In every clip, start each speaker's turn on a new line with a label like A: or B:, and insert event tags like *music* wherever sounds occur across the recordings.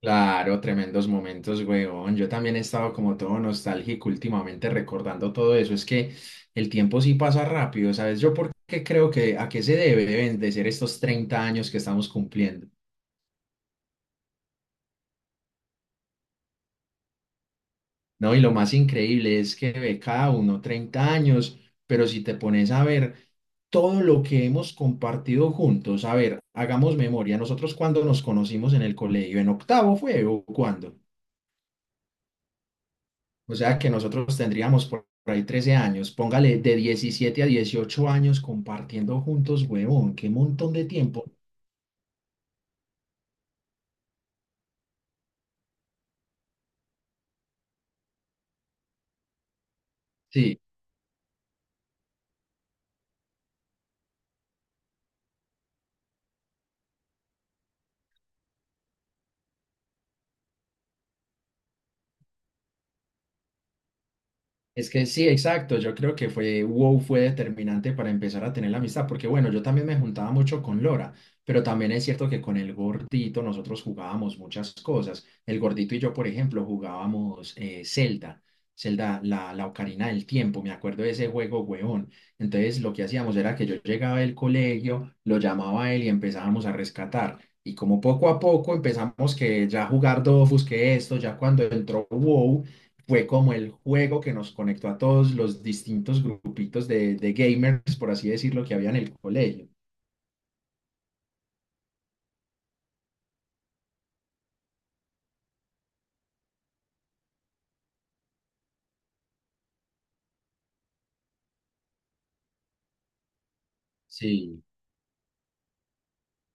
A: Claro, tremendos momentos, weón. Yo también he estado como todo nostálgico últimamente recordando todo eso. Es que el tiempo sí pasa rápido, ¿sabes? Yo porque creo que a qué se debe deben de ser estos 30 años que estamos cumpliendo, ¿no? Y lo más increíble es que ve cada uno 30 años, pero si te pones a ver todo lo que hemos compartido juntos, a ver, hagamos memoria. Nosotros cuando nos conocimos en el colegio, ¿en octavo fue o cuándo? O sea que nosotros tendríamos por ahí 13 años, póngale de 17 a 18 años compartiendo juntos, huevón, qué montón de tiempo. Sí, es que sí, exacto. Yo creo que fue WoW fue determinante para empezar a tener la amistad, porque bueno, yo también me juntaba mucho con Lora, pero también es cierto que con el gordito nosotros jugábamos muchas cosas. El gordito y yo, por ejemplo, jugábamos Zelda, Zelda, la Ocarina del Tiempo. Me acuerdo de ese juego, huevón. Entonces, lo que hacíamos era que yo llegaba del colegio, lo llamaba a él y empezábamos a rescatar. Y como poco a poco empezamos que ya jugar Dofus, que esto, ya cuando entró WoW fue como el juego que nos conectó a todos los distintos grupitos de gamers, por así decirlo, que había en el colegio. Sí.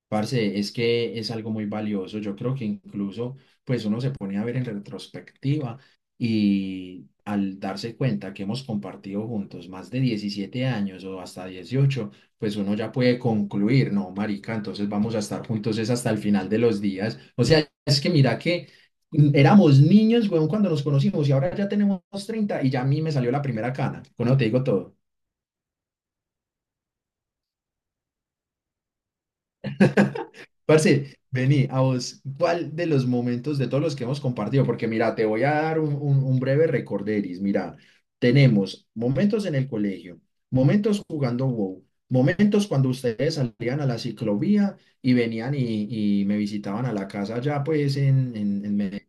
A: Parce, es que es algo muy valioso. Yo creo que incluso, pues uno se pone a ver en retrospectiva y al darse cuenta que hemos compartido juntos más de 17 años o hasta 18, pues uno ya puede concluir, no, marica, entonces vamos a estar juntos es hasta el final de los días. O sea, es que mira que éramos niños, weón, cuando nos conocimos y ahora ya tenemos 30 y ya a mí me salió la primera cana. Bueno, te digo todo. Parce, vení, a vos, ¿cuál de los momentos de todos los que hemos compartido? Porque mira, te voy a dar un breve recorderis. Mira, tenemos momentos en el colegio, momentos jugando WoW, momentos cuando ustedes salían a la ciclovía y venían y me visitaban a la casa allá, pues en Medellín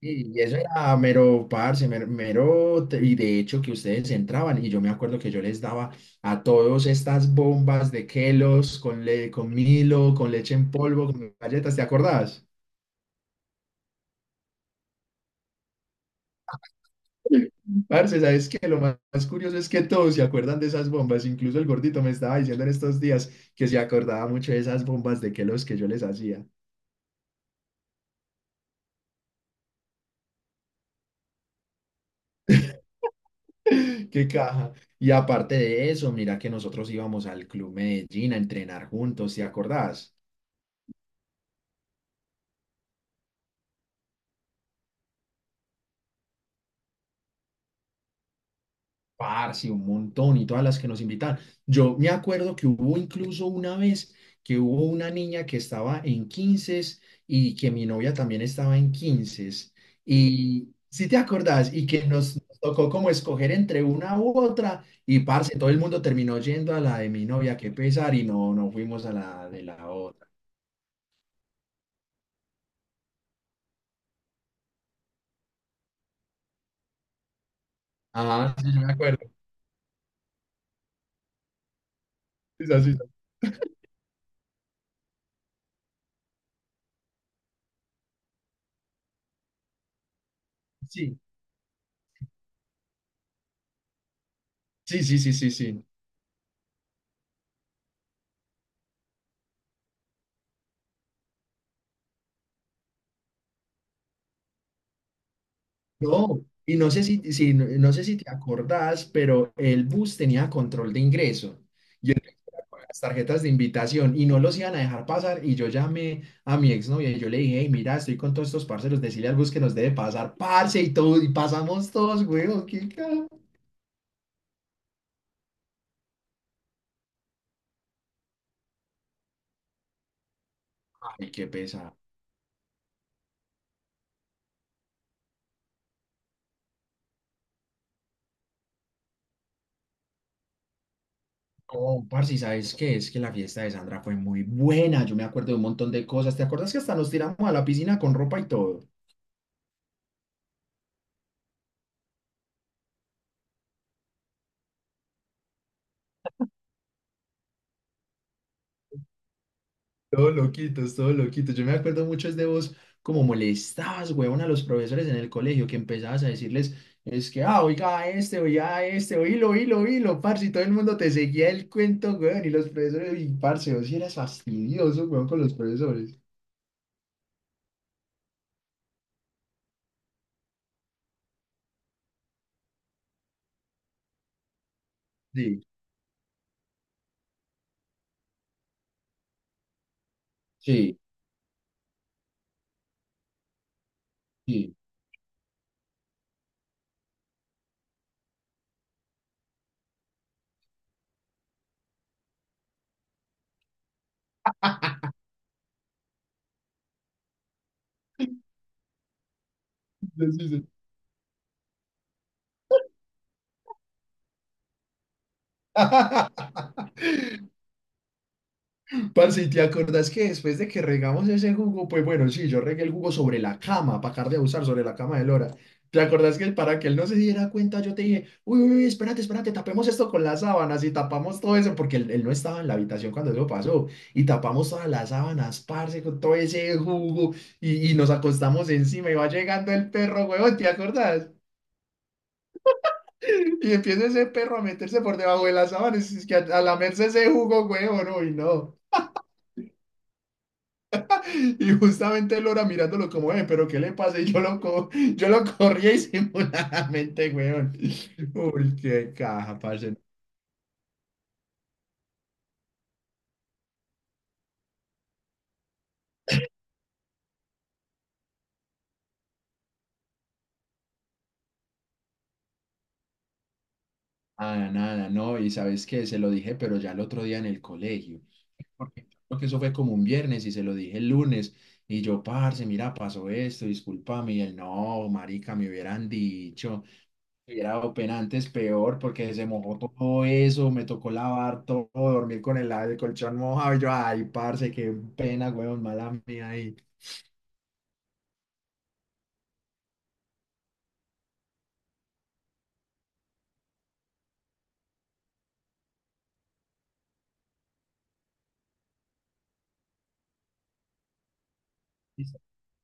A: y eso era mero parce, mero, y de hecho que ustedes entraban y yo me acuerdo que yo les daba a todos estas bombas de Kelos con Milo, con leche en polvo, con galletas, ¿te acordás? *laughs* Parce, ¿sabes qué? Lo más curioso es que todos se acuerdan de esas bombas, incluso el gordito me estaba diciendo en estos días que se acordaba mucho de esas bombas de Kelos que yo les hacía. *laughs* Qué caja. Y aparte de eso, mira que nosotros íbamos al Club Medellín a entrenar juntos, ¿te acordás? Parce, un montón y todas las que nos invitan. Yo me acuerdo que hubo incluso una vez que hubo una niña que estaba en 15 y que mi novia también estaba en 15. Y si te acordás, y que nos tocó como escoger entre una u otra, y parce, todo el mundo terminó yendo a la de mi novia, qué pesar, y no, no fuimos a la de la otra. Ah, sí, yo me acuerdo. Sí, sí, sí, sí, sí, sí, sí, sí. Sí. No, y no sé si te acordás, pero el bus tenía control de ingreso. Y entonces con las tarjetas de invitación y no los iban a dejar pasar. Y yo llamé a mi exnovia y yo le dije, hey, mira, estoy con todos estos parceros, decirle al bus que nos debe pasar, parce, y todo, y pasamos todos, weón, qué ca- Ay, qué pesado. No, parce, ¿Y sabes qué? Es que la fiesta de Sandra fue muy buena. Yo me acuerdo de un montón de cosas. ¿Te acuerdas que hasta nos tiramos a la piscina con ropa y todo? Todo loquitos, todo loquitos. Yo me acuerdo mucho es de vos como molestabas, huevón, a los profesores en el colegio, que empezabas a decirles, es que, ah, oiga a este, oílo, oílo, oílo, parce, y todo el mundo te seguía el cuento, huevón, y los profesores, y parce, vos sí eras fastidioso, huevón, con los profesores. Sí, sí, sí. *laughs* Sí, sí, sí. *laughs* Parce, ¿y te acordás que después de que regamos ese jugo? Pues bueno, sí, yo regué el jugo sobre la cama, para acabar de abusar sobre la cama de Lora. ¿Te acordás que para que él no se diera cuenta, yo te dije, uy, uy, uy, espérate, espérate, tapemos esto con las sábanas y tapamos todo eso, porque él no estaba en la habitación cuando eso pasó, y tapamos todas las sábanas, parce, con todo ese jugo, y nos acostamos encima, y va llegando el perro, huevón, ¿te acordás? Y empieza ese perro a meterse por debajo de las sábanas, es que a lamerse ese jugo, huevón, uy, no. Y justamente Lora mirándolo como, ve, pero ¿qué le pasa? Y yo lo corría disimuladamente, *laughs* weón. Uy, qué caja, parce. Nada, nada, no. Y sabes qué, se lo dije, pero ya el otro día en el colegio. Porque creo que eso fue como un viernes y se lo dije el lunes. Y yo, parce, mira, pasó esto, discúlpame. Y él, no, marica, me hubieran dicho. Era open antes peor porque se mojó todo eso, me tocó lavar todo, dormir con el colchón mojado. Y yo, ay, parce, qué pena, weón, mala mía ahí.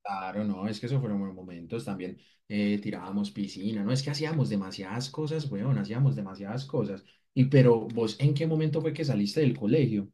A: Claro, no, es que eso fueron buenos momentos. También, tirábamos piscina, ¿no? Es que hacíamos demasiadas cosas, weón, hacíamos demasiadas cosas. Y pero vos, ¿en qué momento fue que saliste del colegio?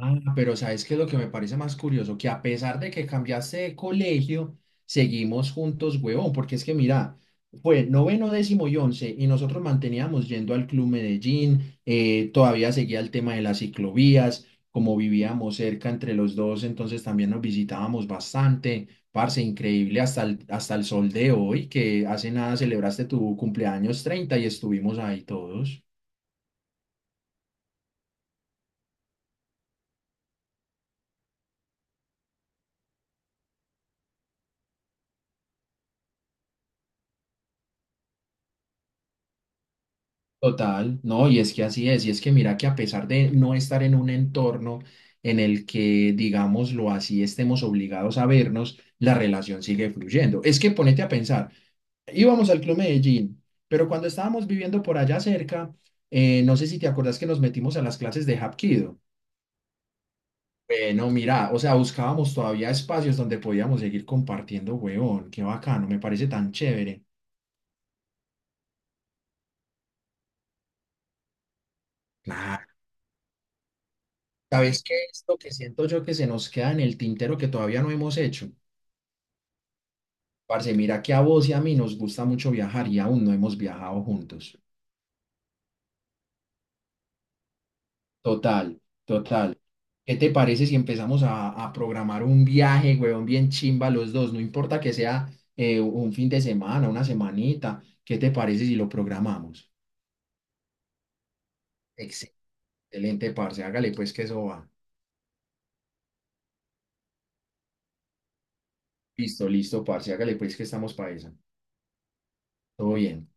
A: Ah, pero ¿sabes qué es lo que me parece más curioso? Que a pesar de que cambiaste de colegio, seguimos juntos, huevón, porque es que mira, fue noveno, décimo y once, y nosotros manteníamos yendo al Club Medellín, todavía seguía el tema de las ciclovías, como vivíamos cerca entre los dos, entonces también nos visitábamos bastante, parce, increíble hasta el sol de hoy, que hace nada celebraste tu cumpleaños 30 y estuvimos ahí todos. Total, no, y es que así es, y es que mira que a pesar de no estar en un entorno en el que, digámoslo así, estemos obligados a vernos, la relación sigue fluyendo. Es que ponete a pensar, íbamos al Club Medellín, pero cuando estábamos viviendo por allá cerca, no sé si te acordás que nos metimos a las clases de Hapkido. Bueno, mira, o sea, buscábamos todavía espacios donde podíamos seguir compartiendo, huevón, qué bacano, me parece tan chévere. Claro. ¿Sabes qué es lo que siento yo que se nos queda en el tintero que todavía no hemos hecho? Parce, mira que a vos y a mí nos gusta mucho viajar y aún no hemos viajado juntos. Total, total. ¿Qué te parece si empezamos a programar un viaje, huevón, bien chimba los dos? No importa que sea un fin de semana, una semanita. ¿Qué te parece si lo programamos? Excelente, parce. Hágale pues que eso va. Listo, listo, parce. Hágale pues que estamos para esa. Todo bien.